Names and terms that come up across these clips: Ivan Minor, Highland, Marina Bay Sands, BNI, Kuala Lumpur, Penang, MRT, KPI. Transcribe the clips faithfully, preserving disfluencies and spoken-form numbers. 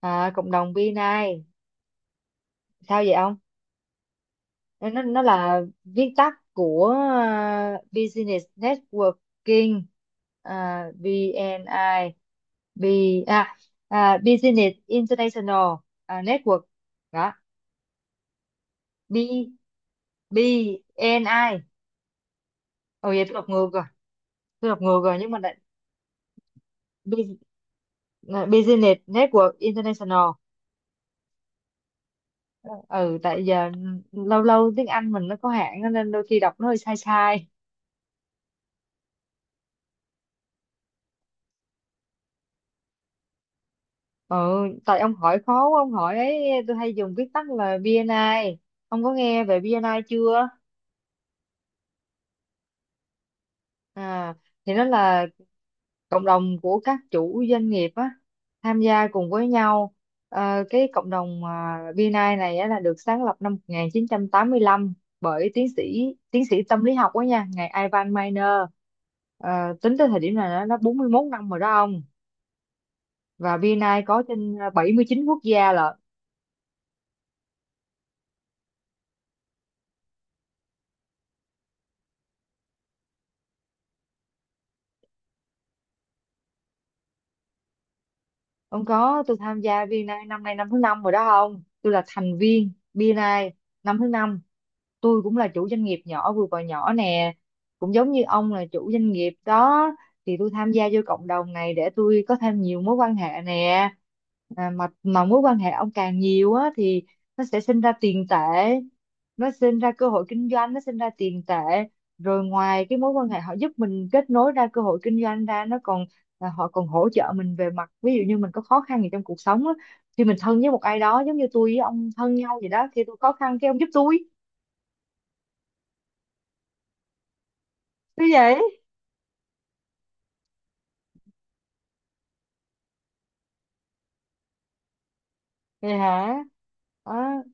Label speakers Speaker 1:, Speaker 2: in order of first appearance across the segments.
Speaker 1: À, cộng đồng bê en I sao vậy ông? Nó nó là viết tắt của à, Business Networking, à, bê en I. B, à, à, Business International, à, Network đó. B, B N I. Ồ, vậy tôi đọc ngược rồi, tôi đọc ngược rồi, nhưng mà lại Bus- à, Business Network International. Ừ, tại giờ ừ, lâu lâu tiếng Anh mình nó có hạn nên đôi khi đọc nó hơi sai sai. Ừ, tại ông hỏi khó quá, ông hỏi ấy, tôi hay dùng viết tắt là bê en I. Ông có nghe về bê en I chưa? À, thì nó là cộng đồng của các chủ doanh nghiệp á, tham gia cùng với nhau. Ờ, cái cộng đồng à, bê en I này á, là được sáng lập năm một nghìn chín trăm tám mươi lăm bởi tiến sĩ tiến sĩ tâm lý học đó nha, ngài Ivan Minor. Ờ, tính tới thời điểm này nó nó bốn mươi mốt năm rồi đó ông, và bê en I có trên bảy mươi chín quốc gia lận. Không có, tôi tham gia bê en I năm nay năm thứ năm rồi đó. Không, tôi là thành viên bê en I năm thứ năm. Tôi cũng là chủ doanh nghiệp nhỏ, vừa và nhỏ nè, cũng giống như ông là chủ doanh nghiệp đó. Thì tôi tham gia vô cộng đồng này để tôi có thêm nhiều mối quan hệ nè. À, mà mà mối quan hệ ông càng nhiều á, thì nó sẽ sinh ra tiền tệ, nó sinh ra cơ hội kinh doanh, nó sinh ra tiền tệ. Rồi ngoài cái mối quan hệ họ giúp mình kết nối ra cơ hội kinh doanh ra, nó còn là họ còn hỗ trợ mình về mặt, ví dụ như mình có khó khăn gì trong cuộc sống á, khi mình thân với một ai đó, giống như tôi với ông thân nhau vậy đó, khi tôi khó khăn cái ông giúp tôi. Thế vậy? Vậy hả? Đó,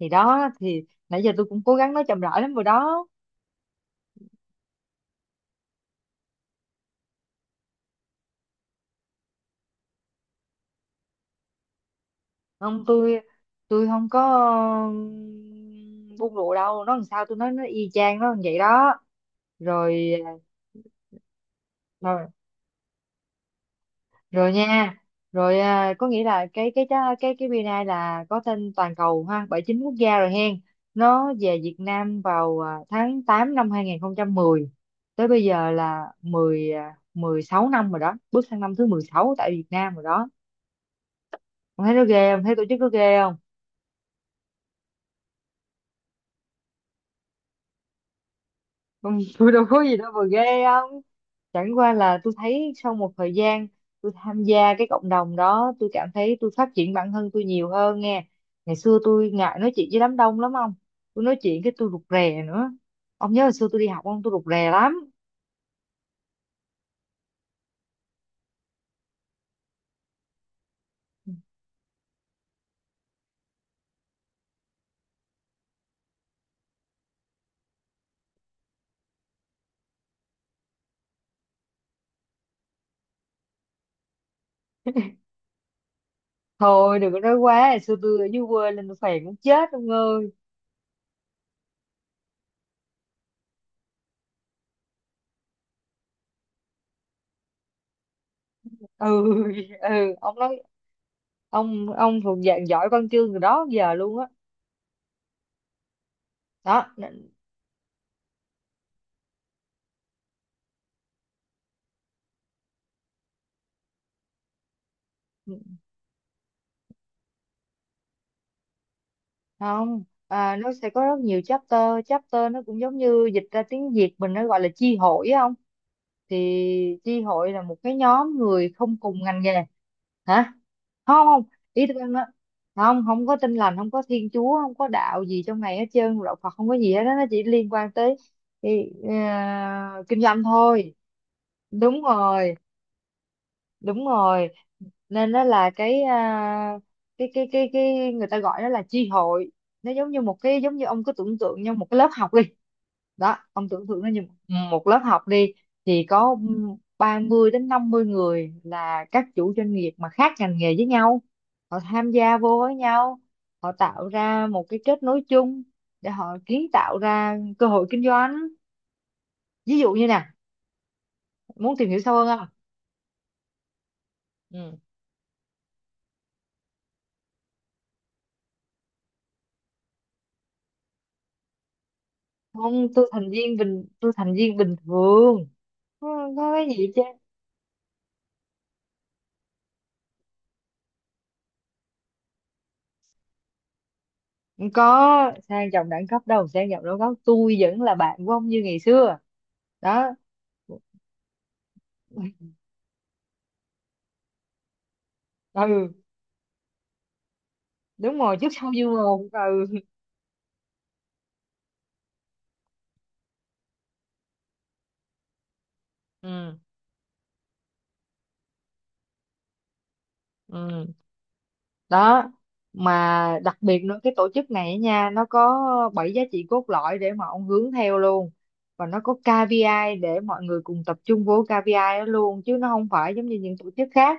Speaker 1: thì đó, thì nãy giờ tôi cũng cố gắng nói chậm rãi lắm rồi đó. Không, tôi tôi không có ừm, buông lụa đâu, nó làm sao tôi nói nó y chang nó như vậy đó. Rồi, rồi nha, rồi. À, có nghĩa là cái cái cái cái cái bê en I là có tên toàn cầu ha, bảy mươi chín quốc gia rồi hen. Nó về Việt Nam vào à, tháng tám năm hai không một không, tới bây giờ là mười à, mười sáu năm rồi đó, bước sang năm thứ mười sáu tại Việt Nam rồi đó. Ông thấy nó ghê không, thấy tổ chức nó ghê không? Ông- tôi đâu có gì đâu mà ghê không, chẳng qua là tôi thấy sau một thời gian tôi tham gia cái cộng đồng đó, tôi cảm thấy tôi phát triển bản thân tôi nhiều hơn nghe. Ngày xưa tôi ngại nói chuyện với đám đông lắm ông, tôi nói chuyện cái tôi rụt rè nữa. Ông nhớ hồi xưa tôi đi học ông, tôi rụt rè lắm. Thôi đừng có nói quá, hồi xưa tôi ở dưới quê lên, tôi phèn muốn chết ông ơi. Ừ. Ừ, ông nói, ông ông thuộc dạng giỏi văn chương rồi đó, giờ luôn á. Đó. Không, à, nó sẽ có rất nhiều chapter. Chapter nó cũng giống như dịch ra tiếng Việt mình nó gọi là chi hội á. Không, thì chi hội là một cái nhóm người không cùng ngành nghề. Hả? Không không, ý tôi nói, không không có tin lành, không có thiên chúa, không có đạo gì trong này hết trơn, đạo Phật không có gì hết đó, nó chỉ liên quan tới thì, ờ, kinh doanh thôi. Đúng rồi. Đúng rồi. Nên nó là cái à, cái, cái cái cái người ta gọi nó là chi hội. Nó giống như một cái, giống như ông cứ tưởng tượng như một cái lớp học đi. Đó, ông tưởng tượng nó như một lớp học đi, thì có ba mươi đến năm mươi người là các chủ doanh nghiệp mà khác ngành nghề với nhau. Họ tham gia vô với nhau, họ tạo ra một cái kết nối chung để họ kiến tạo ra cơ hội kinh doanh. Ví dụ như nè, muốn tìm hiểu sâu hơn. Không, không, tôi thành viên bình tôi thành viên bình thường, không có cái gì chứ. Không có sang trọng đẳng cấp đâu, sang trọng đẳng cấp tôi vẫn là bạn của ông như ngày xưa. Đó. Ừ. Đúng rồi, trước sau như một. Ừ. Ừ. Ừ. Đó. Mà đặc biệt nữa, cái tổ chức này á nha, nó có bảy giá trị cốt lõi để mà ông hướng theo luôn. Và nó có ca pê i để mọi người cùng tập trung vô ca pê i đó luôn, chứ nó không phải giống như những tổ chức khác.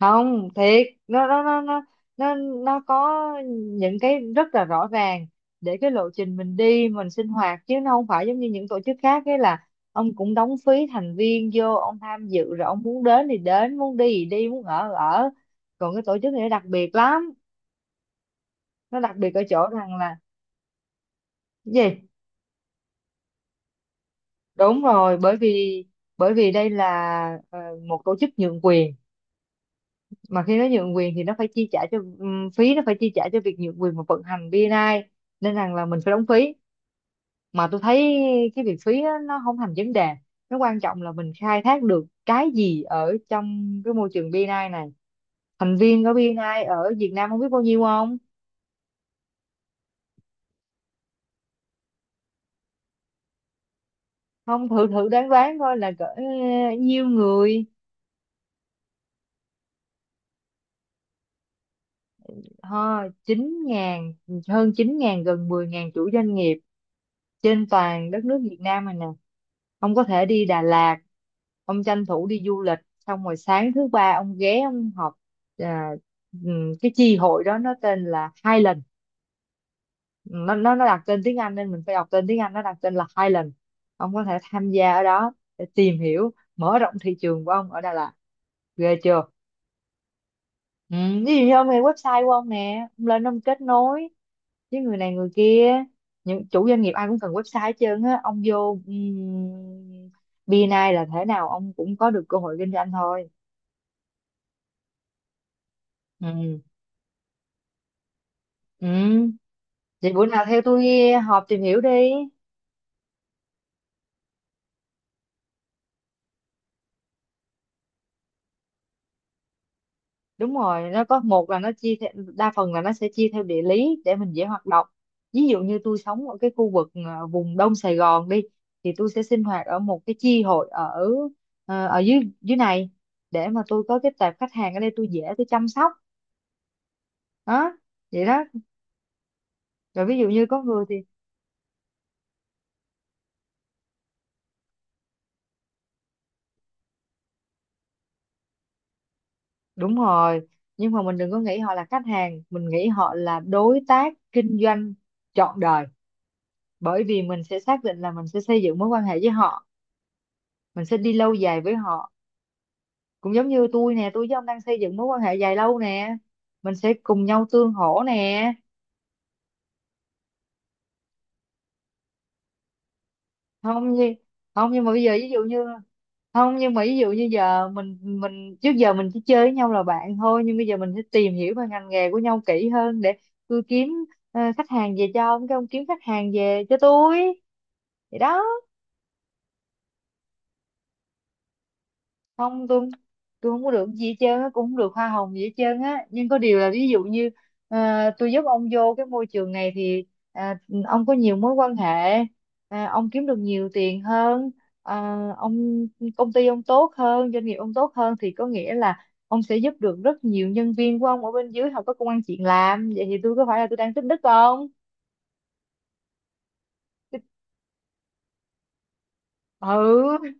Speaker 1: Không thiệt, nó nó nó nó nó nó có những cái rất là rõ ràng để cái lộ trình mình đi, mình sinh hoạt, chứ nó không phải giống như những tổ chức khác ấy, là ông cũng đóng phí thành viên vô ông tham dự, rồi ông muốn đến thì đến, muốn đi thì đi, muốn ở thì ở. Còn cái tổ chức này nó đặc biệt lắm, nó đặc biệt ở chỗ rằng là- Cái gì? Đúng rồi. Bởi vì bởi vì đây là, ờ, một tổ chức nhượng quyền, mà khi nó nhượng quyền thì nó phải chi trả cho, ừm, phí nó phải chi trả cho việc nhượng quyền và vận hành bê en I, nên rằng là mình phải đóng phí. Mà tôi thấy cái việc phí á, nó không thành vấn đề, nó quan trọng là mình khai thác được cái gì ở trong cái môi trường bê en I này. Thành viên của bê en I ở Việt Nam không biết bao nhiêu không? Không, thử thử đoán đoán coi là cỡ ờ, nhiêu người. Ha, chín ngàn, hơn chín ngàn, gần mười ngàn chủ doanh nghiệp trên toàn đất nước Việt Nam này nè. Ông có thể đi Đà Lạt, ông tranh thủ đi du lịch, xong rồi sáng thứ ba ông ghé ông họp à, ừm, cái chi hội đó nó tên là Highland. Nó nó nó đặt tên tiếng Anh nên mình phải đọc tên tiếng Anh, nó đặt tên là Highland. Ông có thể tham gia ở đó để tìm hiểu mở rộng thị trường của ông ở Đà Lạt. Ghê chưa. Ừ, ví dụ như ông hay website của ông nè, ông lên ông kết nối chứ, người này người kia, những chủ doanh nghiệp ai cũng cần website hết trơn á, ông vô um, bê en I là thế nào ông cũng có được cơ hội kinh doanh thôi. Ừ. Ừ. Vậy bữa nào theo tôi họp tìm hiểu đi. Đúng rồi, nó có một là nó chia theo, đa phần là nó sẽ chia theo địa lý để mình dễ hoạt động. Ví dụ như tôi sống ở cái khu vực ờ, vùng Đông Sài Gòn đi, thì tôi sẽ sinh hoạt ở một cái chi hội ở ờ, ở dưới dưới này để mà tôi có cái tệp khách hàng ở đây tôi dễ tôi chăm sóc. Đó, vậy đó. Rồi ví dụ như có người thì- Đúng rồi, nhưng mà mình đừng có nghĩ họ là khách hàng, mình nghĩ họ là đối tác kinh doanh trọn đời. Bởi vì mình sẽ xác định là mình sẽ xây dựng mối quan hệ với họ, mình sẽ đi lâu dài với họ, cũng giống như tôi nè, tôi với ông đang xây dựng mối quan hệ dài lâu nè, mình sẽ cùng nhau tương hỗ nè. không như không nhưng mà bây giờ ví dụ như- Không, nhưng mà ví dụ như giờ mình mình trước giờ mình chỉ chơi với nhau là bạn thôi, nhưng bây giờ mình sẽ tìm hiểu về ngành nghề của nhau kỹ hơn để tôi kiếm ờ, khách hàng về cho ông, cái ông kiếm khách hàng về cho tôi, vậy đó. Không, tôi tôi không có được gì hết trơn á, cũng không được hoa hồng gì hết trơn á, nhưng có điều là ví dụ như à, tôi giúp ông vô cái môi trường này thì à, ông có nhiều mối quan hệ, à, ông kiếm được nhiều tiền hơn, à, ông công ty ông tốt hơn, doanh nghiệp ông tốt hơn, thì có nghĩa là ông sẽ giúp được rất nhiều nhân viên của ông ở bên dưới không có công ăn chuyện làm, vậy thì tôi có phải là tôi đang tích đức không? Ừ.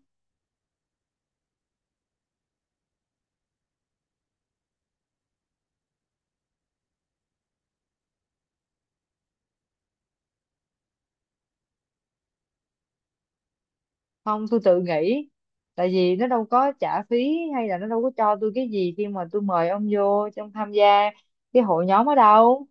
Speaker 1: Không, tôi tự nghĩ, tại vì nó đâu có trả phí hay là nó đâu có cho tôi cái gì khi mà tôi mời ông vô trong tham gia cái hội nhóm ở đâu,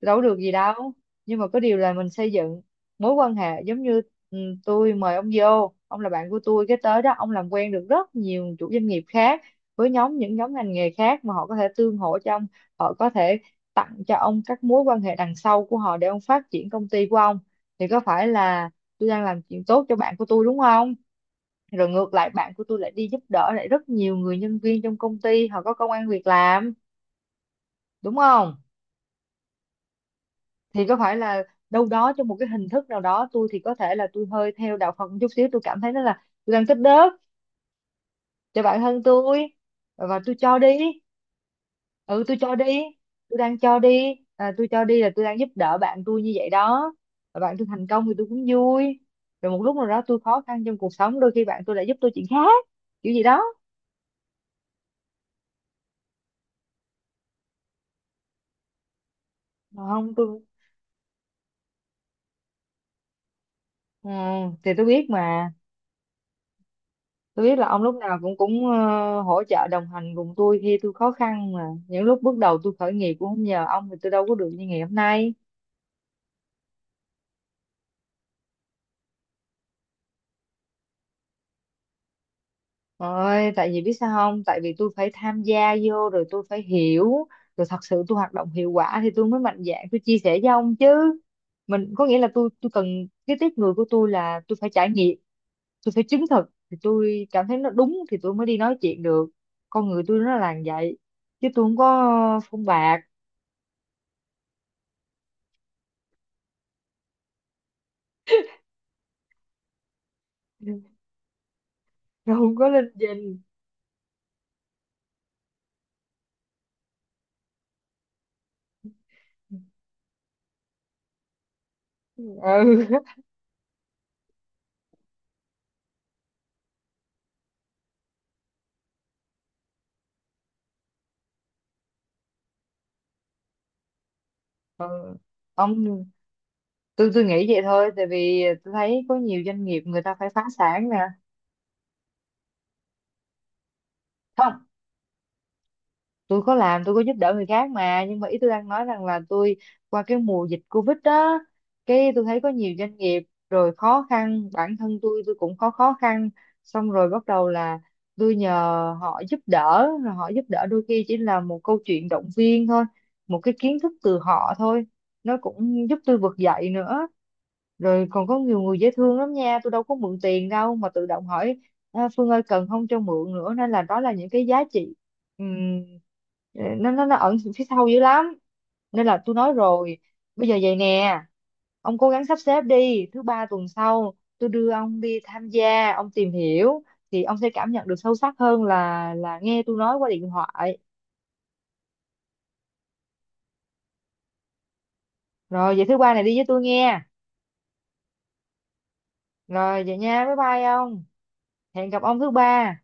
Speaker 1: đâu có được gì đâu. Nhưng mà có điều là mình xây dựng mối quan hệ, giống như ừ, tôi mời ông vô, ông là bạn của tôi, cái tới đó ông làm quen được rất nhiều chủ doanh nghiệp khác, với nhóm những nhóm ngành nghề khác mà họ có thể tương hỗ cho ông. Họ có thể tặng cho ông các mối quan hệ đằng sau của họ để ông phát triển công ty của ông. Thì có phải là tôi đang làm chuyện tốt cho bạn của tôi đúng không? Rồi ngược lại bạn của tôi lại đi giúp đỡ lại rất nhiều người, nhân viên trong công ty họ có công ăn việc làm, đúng không? Thì có phải là đâu đó trong một cái hình thức nào đó, tôi thì có thể là tôi hơi theo đạo Phật một chút xíu, tôi cảm thấy nó là tôi đang tích đức cho bản thân tôi và tôi cho đi. Ừ, tôi cho đi, tôi đang cho đi. À, tôi cho đi là tôi đang giúp đỡ bạn tôi như vậy đó. Và bạn tôi thành công thì tôi cũng vui. Rồi một lúc nào đó tôi khó khăn trong cuộc sống, đôi khi bạn tôi lại giúp tôi chuyện khác, kiểu gì đó. Mà không, tôi, ừ, thì tôi biết mà. Tôi biết là ông lúc nào cũng cũng ờ, hỗ trợ đồng hành cùng tôi khi tôi khó khăn, mà những lúc bước đầu tôi khởi nghiệp cũng không nhờ ông thì tôi đâu có được như ngày hôm nay. Ôi tại vì biết sao không, tại vì tôi phải tham gia vô rồi tôi phải hiểu, rồi thật sự tôi hoạt động hiệu quả thì tôi mới mạnh dạn tôi chia sẻ với ông chứ. Mình có nghĩa là tôi tôi cần, cái tiếp người của tôi là tôi phải trải nghiệm, tôi phải chứng thực thì tôi cảm thấy nó đúng thì tôi mới đi nói chuyện được. Con người tôi nó là như vậy, chứ tôi không có phong bạc. Tôi không có lên danh. Ừ. Ừ. Ông, tôi tôi nghĩ vậy thôi, tại vì tôi thấy có nhiều doanh nghiệp người ta phải phá sản nè. Không, tôi có làm, tôi có giúp đỡ người khác mà, nhưng mà ý tôi đang nói rằng là tôi qua cái mùa dịch Covid đó, cái tôi thấy có nhiều doanh nghiệp rồi khó khăn, bản thân tôi tôi cũng có khó khăn, xong rồi bắt đầu là tôi nhờ họ giúp đỡ. Rồi họ giúp đỡ đôi khi chỉ là một câu chuyện động viên thôi, một cái kiến thức từ họ thôi, nó cũng giúp tôi vực dậy nữa. Rồi còn có nhiều người dễ thương lắm nha, tôi đâu có mượn tiền đâu mà tự động hỏi: "À, Phương ơi, cần không cho mượn", nữa. Nên là đó là những cái giá trị, ừm, ờ, nó nó nó ẩn phía sau dữ lắm. Nên là tôi nói rồi, bây giờ vậy nè, ông cố gắng sắp xếp đi, thứ ba tuần sau tôi đưa ông đi tham gia, ông tìm hiểu thì ông sẽ cảm nhận được sâu sắc hơn là là nghe tôi nói qua điện thoại. Rồi vậy thứ ba này đi với tôi nghe. Rồi vậy nha, bye bye ông, hẹn gặp ông thứ ba.